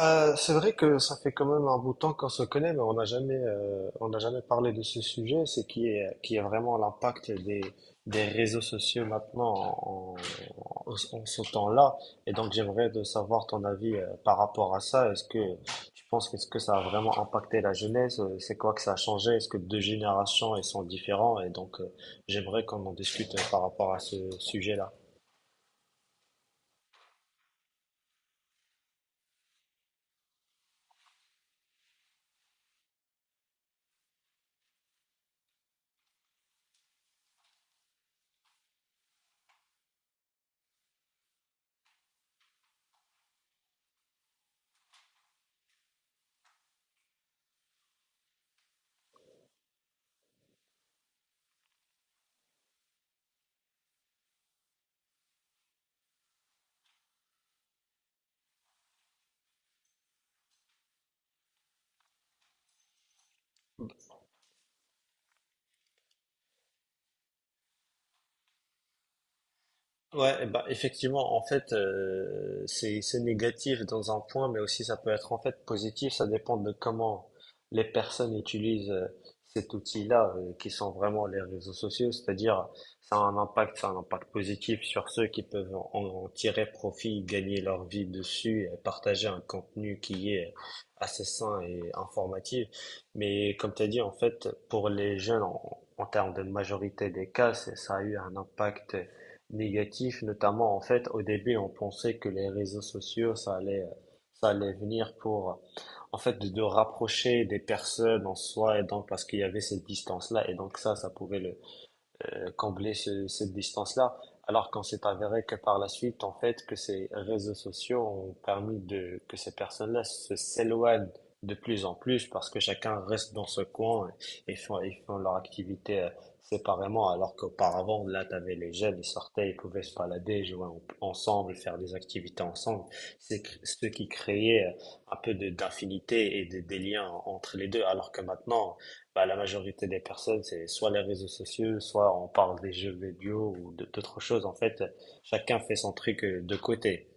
C'est vrai que ça fait quand même un bout de temps qu'on se connaît, mais on n'a jamais parlé de ce sujet, qui est vraiment l'impact des réseaux sociaux maintenant en, en ce temps-là. Et donc j'aimerais de savoir ton avis, par rapport à ça. Est-ce que tu penses ce que ça a vraiment impacté la jeunesse? C'est quoi que ça a changé? Est-ce que deux générations elles sont différentes? J'aimerais qu'on en discute, par rapport à ce sujet-là. Ouais, bah effectivement, en fait, c'est négatif dans un point, mais aussi ça peut être en fait positif. Ça dépend de comment les personnes utilisent, cet outil-là, qui sont vraiment les réseaux sociaux. C'est-à-dire, ça a un impact positif sur ceux qui peuvent en tirer profit, gagner leur vie dessus, et partager un contenu qui est assez sain et informatif. Mais comme tu as dit, en fait, pour les jeunes, en termes de majorité des cas, ça a eu un impact négatif, notamment en fait au début on pensait que les réseaux sociaux ça allait venir pour en fait de rapprocher des personnes en soi et donc parce qu'il y avait cette distance-là et donc ça pouvait le combler cette distance-là. Alors qu'on s'est avéré que par la suite, en fait, que ces réseaux sociaux ont permis de, que ces personnes-là se s'éloignent de plus en plus parce que chacun reste dans ce coin et font leur activité séparément. Alors qu'auparavant, là, t'avais les jeunes, ils sortaient, ils pouvaient se balader, jouer ensemble, faire des activités ensemble. Ce qui créait un peu d'affinité et des liens entre les deux. Alors que maintenant, bah, la majorité des personnes, c'est soit les réseaux sociaux, soit on parle des jeux vidéo ou d'autres choses. En fait, chacun fait son truc de côté.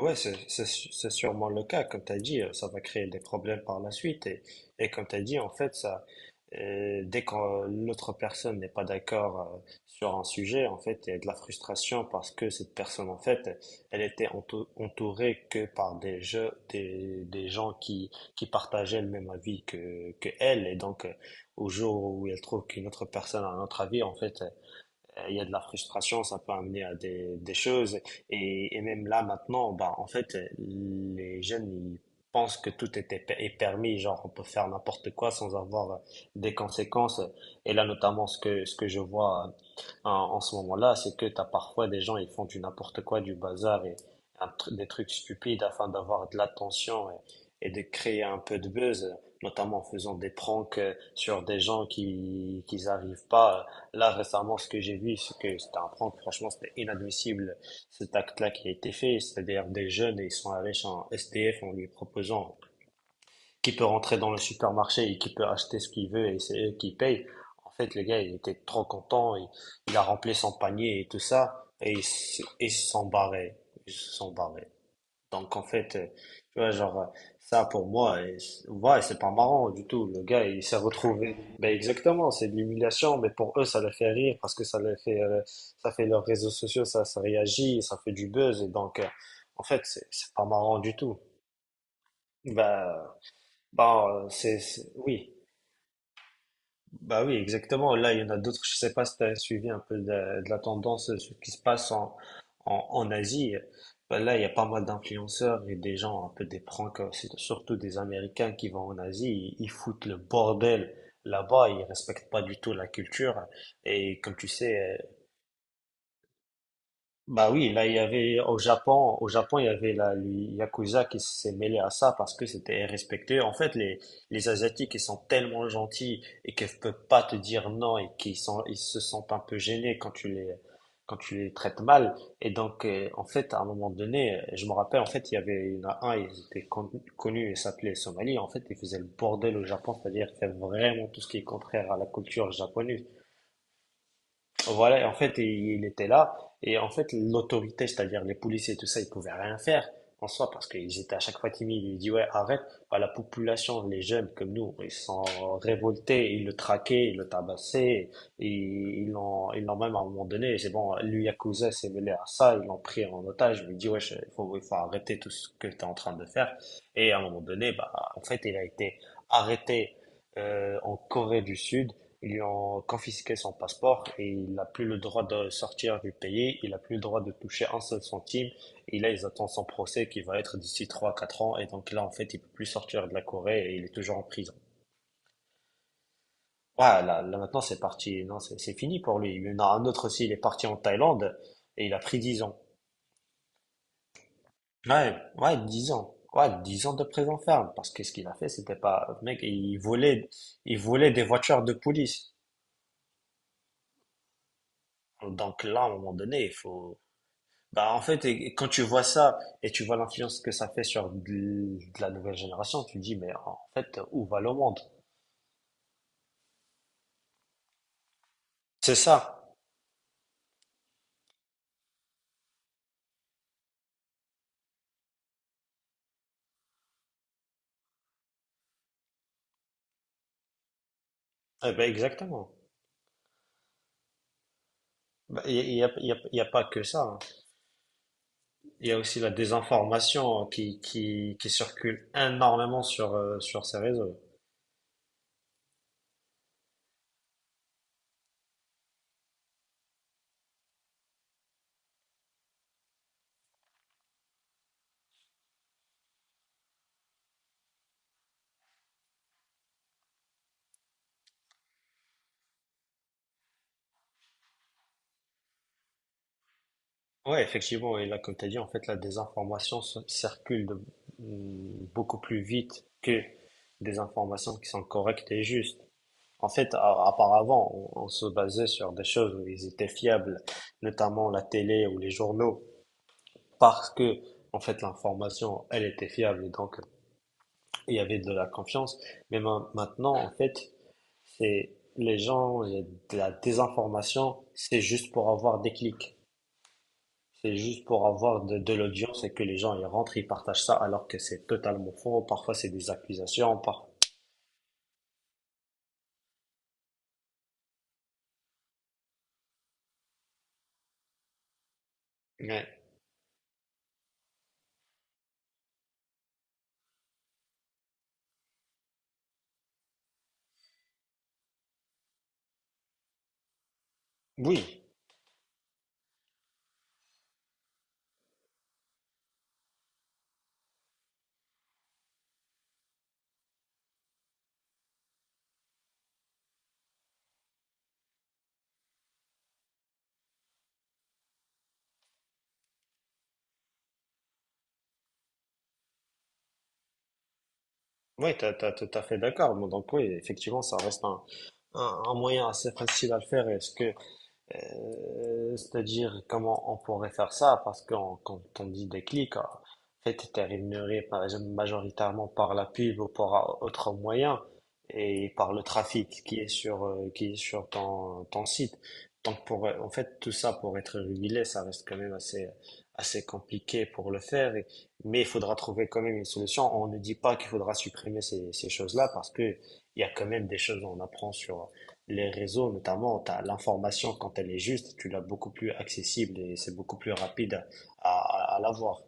Ouais, c'est sûrement le cas, comme tu as dit, ça va créer des problèmes par la suite. Et comme tu as dit, en fait, dès que l'autre personne n'est pas d'accord sur un sujet, en fait, il y a de la frustration parce que cette personne, en fait, elle était entourée que par des gens qui partageaient le même avis que elle. Et donc, au jour où elle trouve qu'une autre personne a un autre avis, en fait, il y a de la frustration, ça peut amener à des choses. Et même là, maintenant, bah, en fait, les jeunes, ils pensent que est permis, genre on peut faire n'importe quoi sans avoir des conséquences. Et là, notamment, ce que je vois, en ce moment-là, c'est que tu as parfois des gens, ils font du n'importe quoi, du bazar et des trucs stupides afin d'avoir de l'attention et de créer un peu de buzz, notamment en faisant des pranks sur des gens qui n'arrivent pas. Là, récemment, ce que j'ai vu, c'est que c'était un prank. Franchement, c'était inadmissible cet acte-là qui a été fait. C'est-à-dire des jeunes, et ils sont allés chez un SDF en lui proposant qui peut rentrer dans le supermarché et qui peut acheter ce qu'il veut et c'est eux qui payent. En fait, le gars, il était trop content. Il a rempli son panier et tout ça. Et ils se sont barrés. Ils se sont barrés. Donc en fait, tu vois, genre, ça pour moi, ouais, c'est pas marrant du tout. Le gars, il s'est retrouvé. Ben exactement, c'est de l'humiliation, mais pour eux, ça les fait rire parce que ça les fait, ça fait leurs réseaux sociaux, ça réagit, ça fait du buzz, et donc, en fait, c'est pas marrant du tout. Bah, oui. Bah oui, exactement. Là, il y en a d'autres. Je sais pas si tu as suivi un peu de la tendance, ce qui se passe en Asie. Bah là, il y a pas mal d'influenceurs et des gens un peu des pranks, c'est surtout des Américains qui vont en Asie. Ils foutent le bordel là-bas. Ils respectent pas du tout la culture. Et comme tu sais, bah oui, là il y avait au Japon il y avait la le Yakuza qui s'est mêlé à ça parce que c'était respecté. En fait, les Asiatiques ils sont tellement gentils et qu'ils peuvent pas te dire non et qu'ils sont ils se sentent un peu gênés quand tu les traites mal. Et donc en fait à un moment donné, je me rappelle en fait il y en a un ils étaient connus et s'appelait Somali. En fait ils faisaient le bordel au Japon, c'est-à-dire ils faisaient vraiment tout ce qui est contraire à la culture japonaise. Voilà, et en fait, et il était là. Et en fait, l'autorité, c'est-à-dire les policiers et tout ça, ils pouvaient rien faire en soi parce qu'ils étaient à chaque fois timides. Ils disaient, ouais, arrête. Bah, la population, les jeunes comme nous, ils sont révoltés, ils le traquaient, ils le tabassaient. Et ils l'ont même à un moment donné, c'est bon, lui, Yakuza s'est mêlé à ça, ils l'ont pris en otage. Ils lui dit, ouais, il faut arrêter tout ce que tu es en train de faire. Et à un moment donné, bah, en fait, il a été arrêté en Corée du Sud. Ils lui ont confisqué son passeport et il n'a plus le droit de sortir du pays, il n'a plus le droit de toucher un seul centime. Et là, ils attendent son procès qui va être d'ici 3 4 ans. Et donc là, en fait, il peut plus sortir de la Corée et il est toujours en prison. Ah, là maintenant, c'est parti. Non, c'est fini pour lui. Il y en a un autre aussi, il est parti en Thaïlande et il a pris 10 ans. Ouais, 10 ans de prison ferme. Parce que ce qu'il a fait, c'était pas... Mec, il volait des voitures de police. Donc là, à un moment donné, il faut... Bah, en fait, et quand tu vois ça et tu vois l'influence que ça fait sur de la nouvelle génération, tu te dis, mais en fait, où va le monde? C'est ça. Eh ben, exactement. Bah, il y a pas que ça. Hein. Il y a aussi la désinformation qui circule énormément sur, sur ces réseaux. Ouais, effectivement. Et là, comme tu as dit, en fait, circule beaucoup plus vite que des informations qui sont correctes et justes. En fait, auparavant, on se basait sur des choses où ils étaient fiables, notamment la télé ou les journaux, parce que, en fait, l'information, elle était fiable et donc il y avait de la confiance. Mais maintenant, en fait, c'est les gens, il y a de la désinformation, c'est juste pour avoir des clics, c'est juste pour avoir de l'audience et que les gens y rentrent, ils partagent ça, alors que c'est totalement faux. Parfois, c'est des accusations, par... Ouais. Oui. Oui, t'as tout à fait d'accord. Bon, donc oui, effectivement, ça reste un moyen assez facile à le faire. Est-ce que c'est-à-dire comment on pourrait faire ça, parce que quand on dit déclic, en fait, tu es rémunéré par exemple majoritairement par la pub ou par autre moyen et par le trafic qui est sur ton site. Donc pour, en fait, tout ça pour être régulé, ça reste quand même assez compliqué pour le faire, mais il faudra trouver quand même une solution. On ne dit pas qu'il faudra supprimer ces choses-là parce que il y a quand même des choses qu'on apprend sur, les réseaux notamment, t'as l'information quand elle est juste, tu l'as beaucoup plus accessible et c'est beaucoup plus rapide à l'avoir.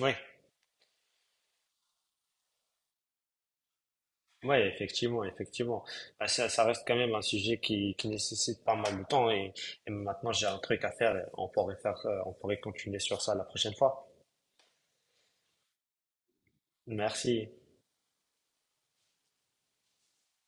Oui, ouais, effectivement. Bah, ça reste quand même un sujet qui nécessite pas mal de temps et maintenant j'ai un truc à faire, on pourrait continuer sur ça la prochaine fois. Merci.